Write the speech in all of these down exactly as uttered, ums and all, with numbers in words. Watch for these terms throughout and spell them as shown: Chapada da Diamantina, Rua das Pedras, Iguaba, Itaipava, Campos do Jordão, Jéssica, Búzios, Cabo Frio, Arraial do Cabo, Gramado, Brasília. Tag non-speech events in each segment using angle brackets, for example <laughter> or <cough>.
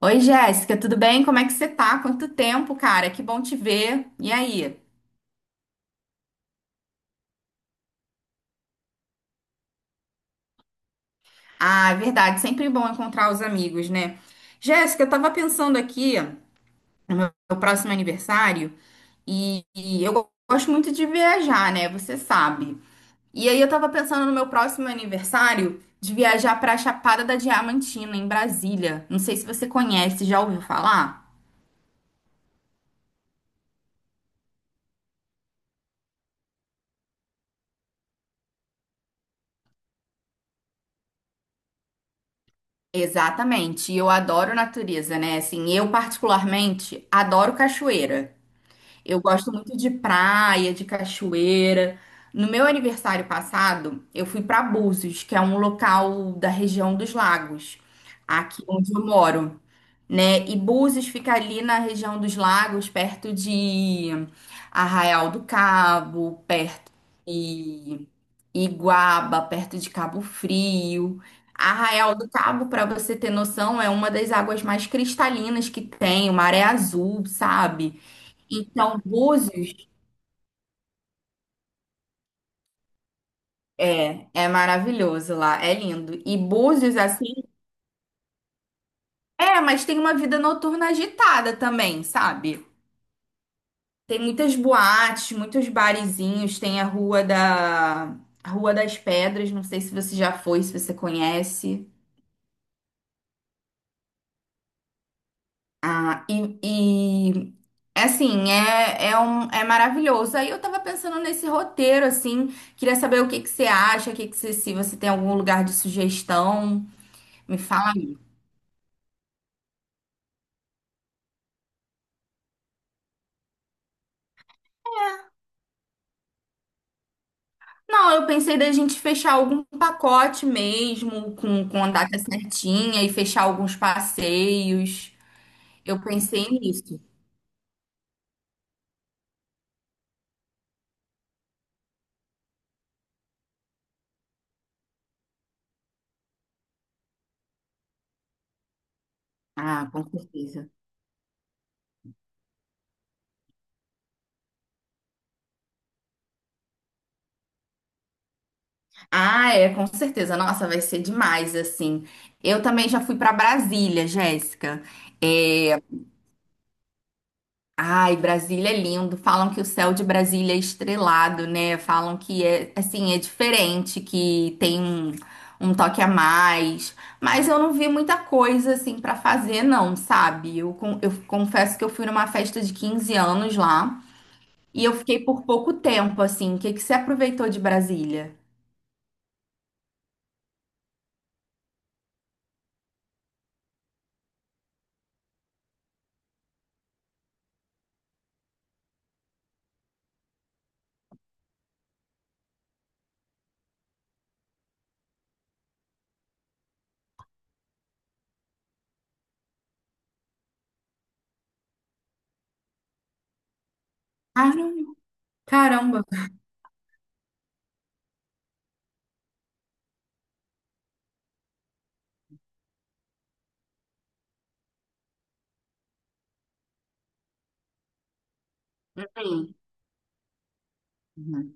Oi, Jéssica, tudo bem? Como é que você tá? Quanto tempo, cara? Que bom te ver. E aí? Ah, é verdade, sempre bom encontrar os amigos, né? Jéssica, eu tava pensando aqui no próximo aniversário e, e eu go- gosto muito de viajar, né? Você sabe. E aí eu tava pensando no meu próximo aniversário de viajar pra Chapada da Diamantina, em Brasília. Não sei se você conhece, já ouviu falar? Exatamente, e eu adoro natureza, né? Assim, eu particularmente adoro cachoeira. Eu gosto muito de praia, de cachoeira. No meu aniversário passado, eu fui para Búzios, que é um local da região dos lagos, aqui onde eu moro, né? E Búzios fica ali na região dos lagos, perto de Arraial do Cabo, perto de Iguaba, perto de Cabo Frio. Arraial do Cabo, para você ter noção, é uma das águas mais cristalinas que tem, o mar é azul, sabe? Então, Búzios é, é maravilhoso lá, é lindo. E Búzios, assim, é, mas tem uma vida noturna agitada também, sabe? Tem muitas boates, muitos barizinhos, tem a Rua da a Rua das Pedras, não sei se você já foi, se você conhece. Ah, e, e assim, é, é, um, é maravilhoso. Aí eu tava pensando nesse roteiro, assim, queria saber o que que você acha, o que que você, se você tem algum lugar de sugestão, me fala. Não, eu pensei da gente fechar algum pacote mesmo, com, com a data certinha e fechar alguns passeios. Eu pensei nisso. Ah, com certeza. Ah, é, com certeza. Nossa, vai ser demais, assim. Eu também já fui para Brasília, Jéssica. É, ai, Brasília é lindo. Falam que o céu de Brasília é estrelado, né? Falam que é assim, é diferente, que tem um, um toque a mais. Mas eu não vi muita coisa assim pra fazer, não, sabe? Eu, con- eu confesso que eu fui numa festa de quinze anos lá e eu fiquei por pouco tempo, assim. O que que você aproveitou de Brasília? Caramba, caramba. Sim. Uhum.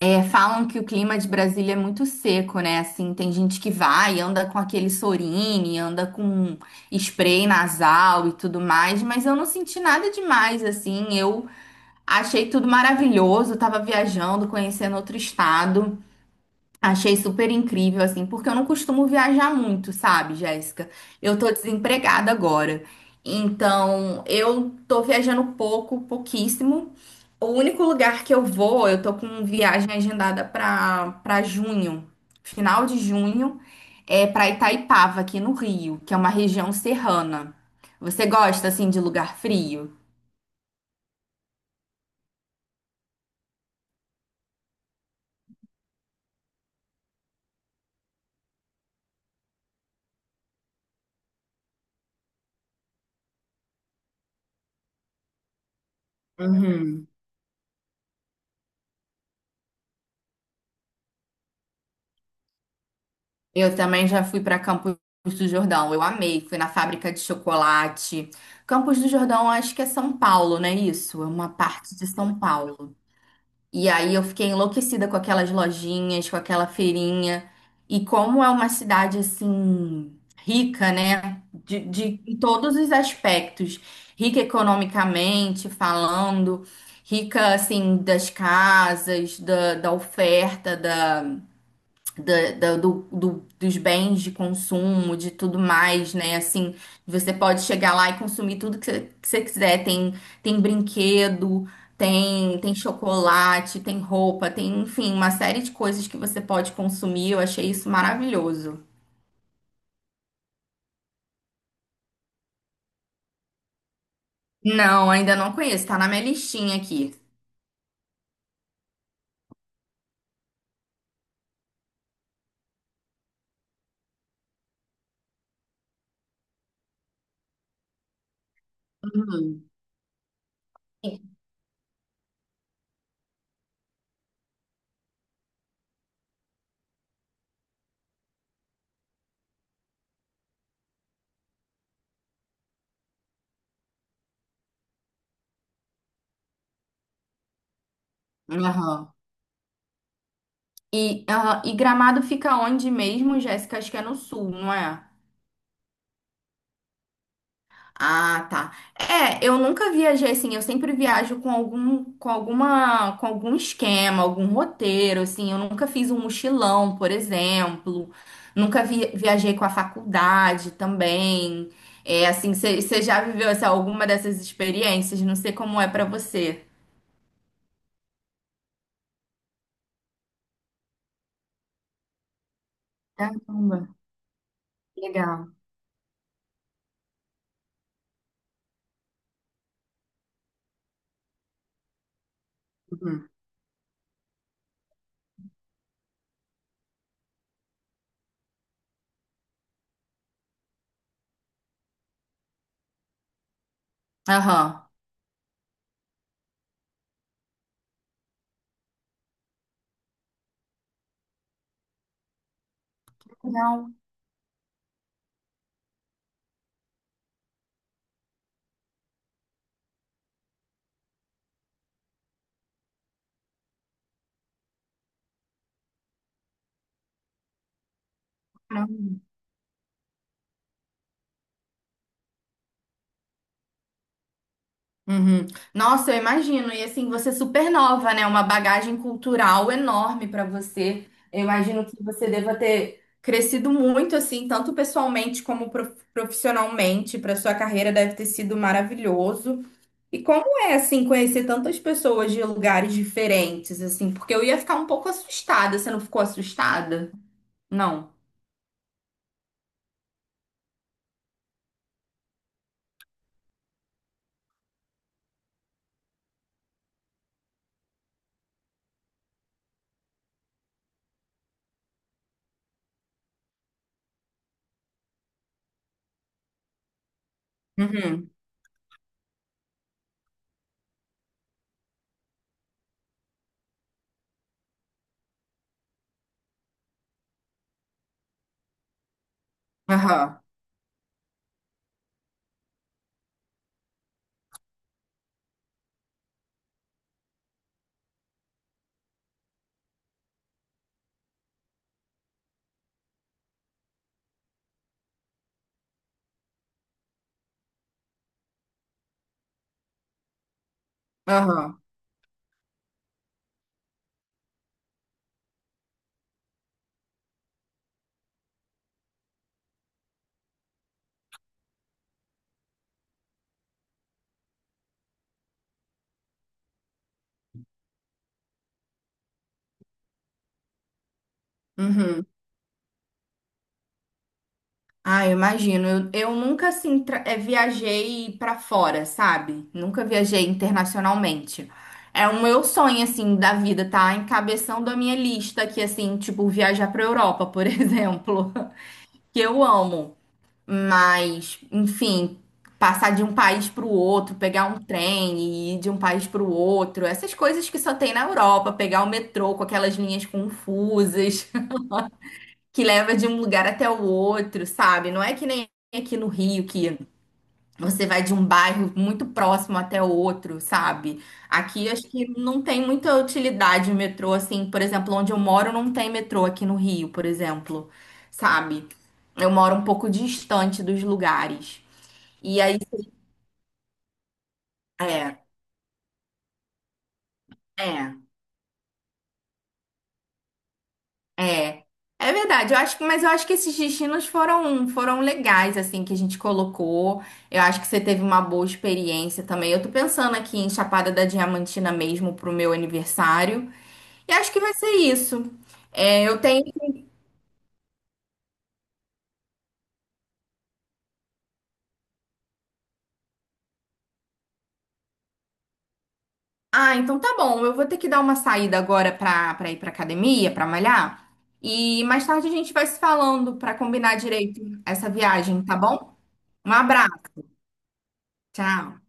É, falam que o clima de Brasília é muito seco, né? Assim, tem gente que vai, anda com aquele Sorine, anda com spray nasal e tudo mais, mas eu não senti nada demais, assim. Eu achei tudo maravilhoso, tava viajando, conhecendo outro estado. Achei super incrível, assim, porque eu não costumo viajar muito, sabe, Jéssica? Eu tô desempregada agora. Então, eu tô viajando pouco, pouquíssimo. O único lugar que eu vou, eu tô com viagem agendada para para junho, final de junho, é para Itaipava, aqui no Rio, que é uma região serrana. Você gosta assim de lugar frio? Uhum. Eu também já fui para Campos do Jordão, eu amei, fui na fábrica de chocolate. Campos do Jordão, acho que é São Paulo, não é isso? É uma parte de São Paulo. E aí eu fiquei enlouquecida com aquelas lojinhas, com aquela feirinha. E como é uma cidade assim rica, né? De, de em todos os aspectos, rica economicamente falando, rica assim das casas, da, da oferta, da da- da- do- do- dos bens de consumo, de tudo mais, né? Assim, você pode chegar lá e consumir tudo que você, que você quiser. Tem, tem brinquedo, tem, tem chocolate, tem roupa, tem, enfim, uma série de coisas que você pode consumir. Eu achei isso maravilhoso. Não, ainda não conheço, tá na minha listinha aqui. Uhum. Aham. E, aham, e Gramado fica onde mesmo, Jéssica? Acho que é no sul, não é? Ah, tá. É, eu nunca viajei assim, eu sempre viajo com algum, com alguma, com algum esquema, algum roteiro, assim, eu nunca fiz um mochilão, por exemplo, nunca vi- viajei com a faculdade também. É, assim, você já viveu assim, alguma dessas experiências? Não sei como é pra você. Caramba, legal. Uhum. Aham. Legal. Uhum. Nossa, eu imagino. E assim, você é super nova, né? Uma bagagem cultural enorme para você. Eu imagino que você deva ter crescido muito, assim, tanto pessoalmente como prof- profissionalmente. Para sua carreira deve ter sido maravilhoso. E como é, assim, conhecer tantas pessoas de lugares diferentes, assim? Porque eu ia ficar um pouco assustada. Você não ficou assustada? Não. Uhum. Aham. Aham. Uhum. Ah, eu imagino. Eu, eu nunca assim tra- eh, viajei pra fora, sabe? Nunca viajei internacionalmente. É o meu sonho assim da vida, tá? Encabeçando a minha lista aqui assim, tipo viajar pra Europa, por <laughs> exemplo, que eu amo. Mas, enfim, passar de um país pro outro, pegar um trem e ir de um país pro outro, essas coisas que só tem na Europa, pegar o metrô com aquelas linhas confusas que leva de um lugar até o outro, sabe? Não é que nem aqui no Rio, que você vai de um bairro muito próximo até o outro, sabe? Aqui acho que não tem muita utilidade o metrô, assim, por exemplo, onde eu moro não tem metrô aqui no Rio, por exemplo, sabe? Eu moro um pouco distante dos lugares. E aí, é, é. É, é verdade. Eu acho que, mas eu acho que esses destinos foram foram legais assim que a gente colocou. Eu acho que você teve uma boa experiência também. Eu tô pensando aqui em Chapada da Diamantina mesmo pro meu aniversário. E acho que vai ser isso. É, eu tenho. Ah, então tá bom. Eu vou ter que dar uma saída agora pra, pra ir pra academia, pra malhar. E mais tarde a gente vai se falando pra combinar direito essa viagem, tá bom? Um abraço. Tchau.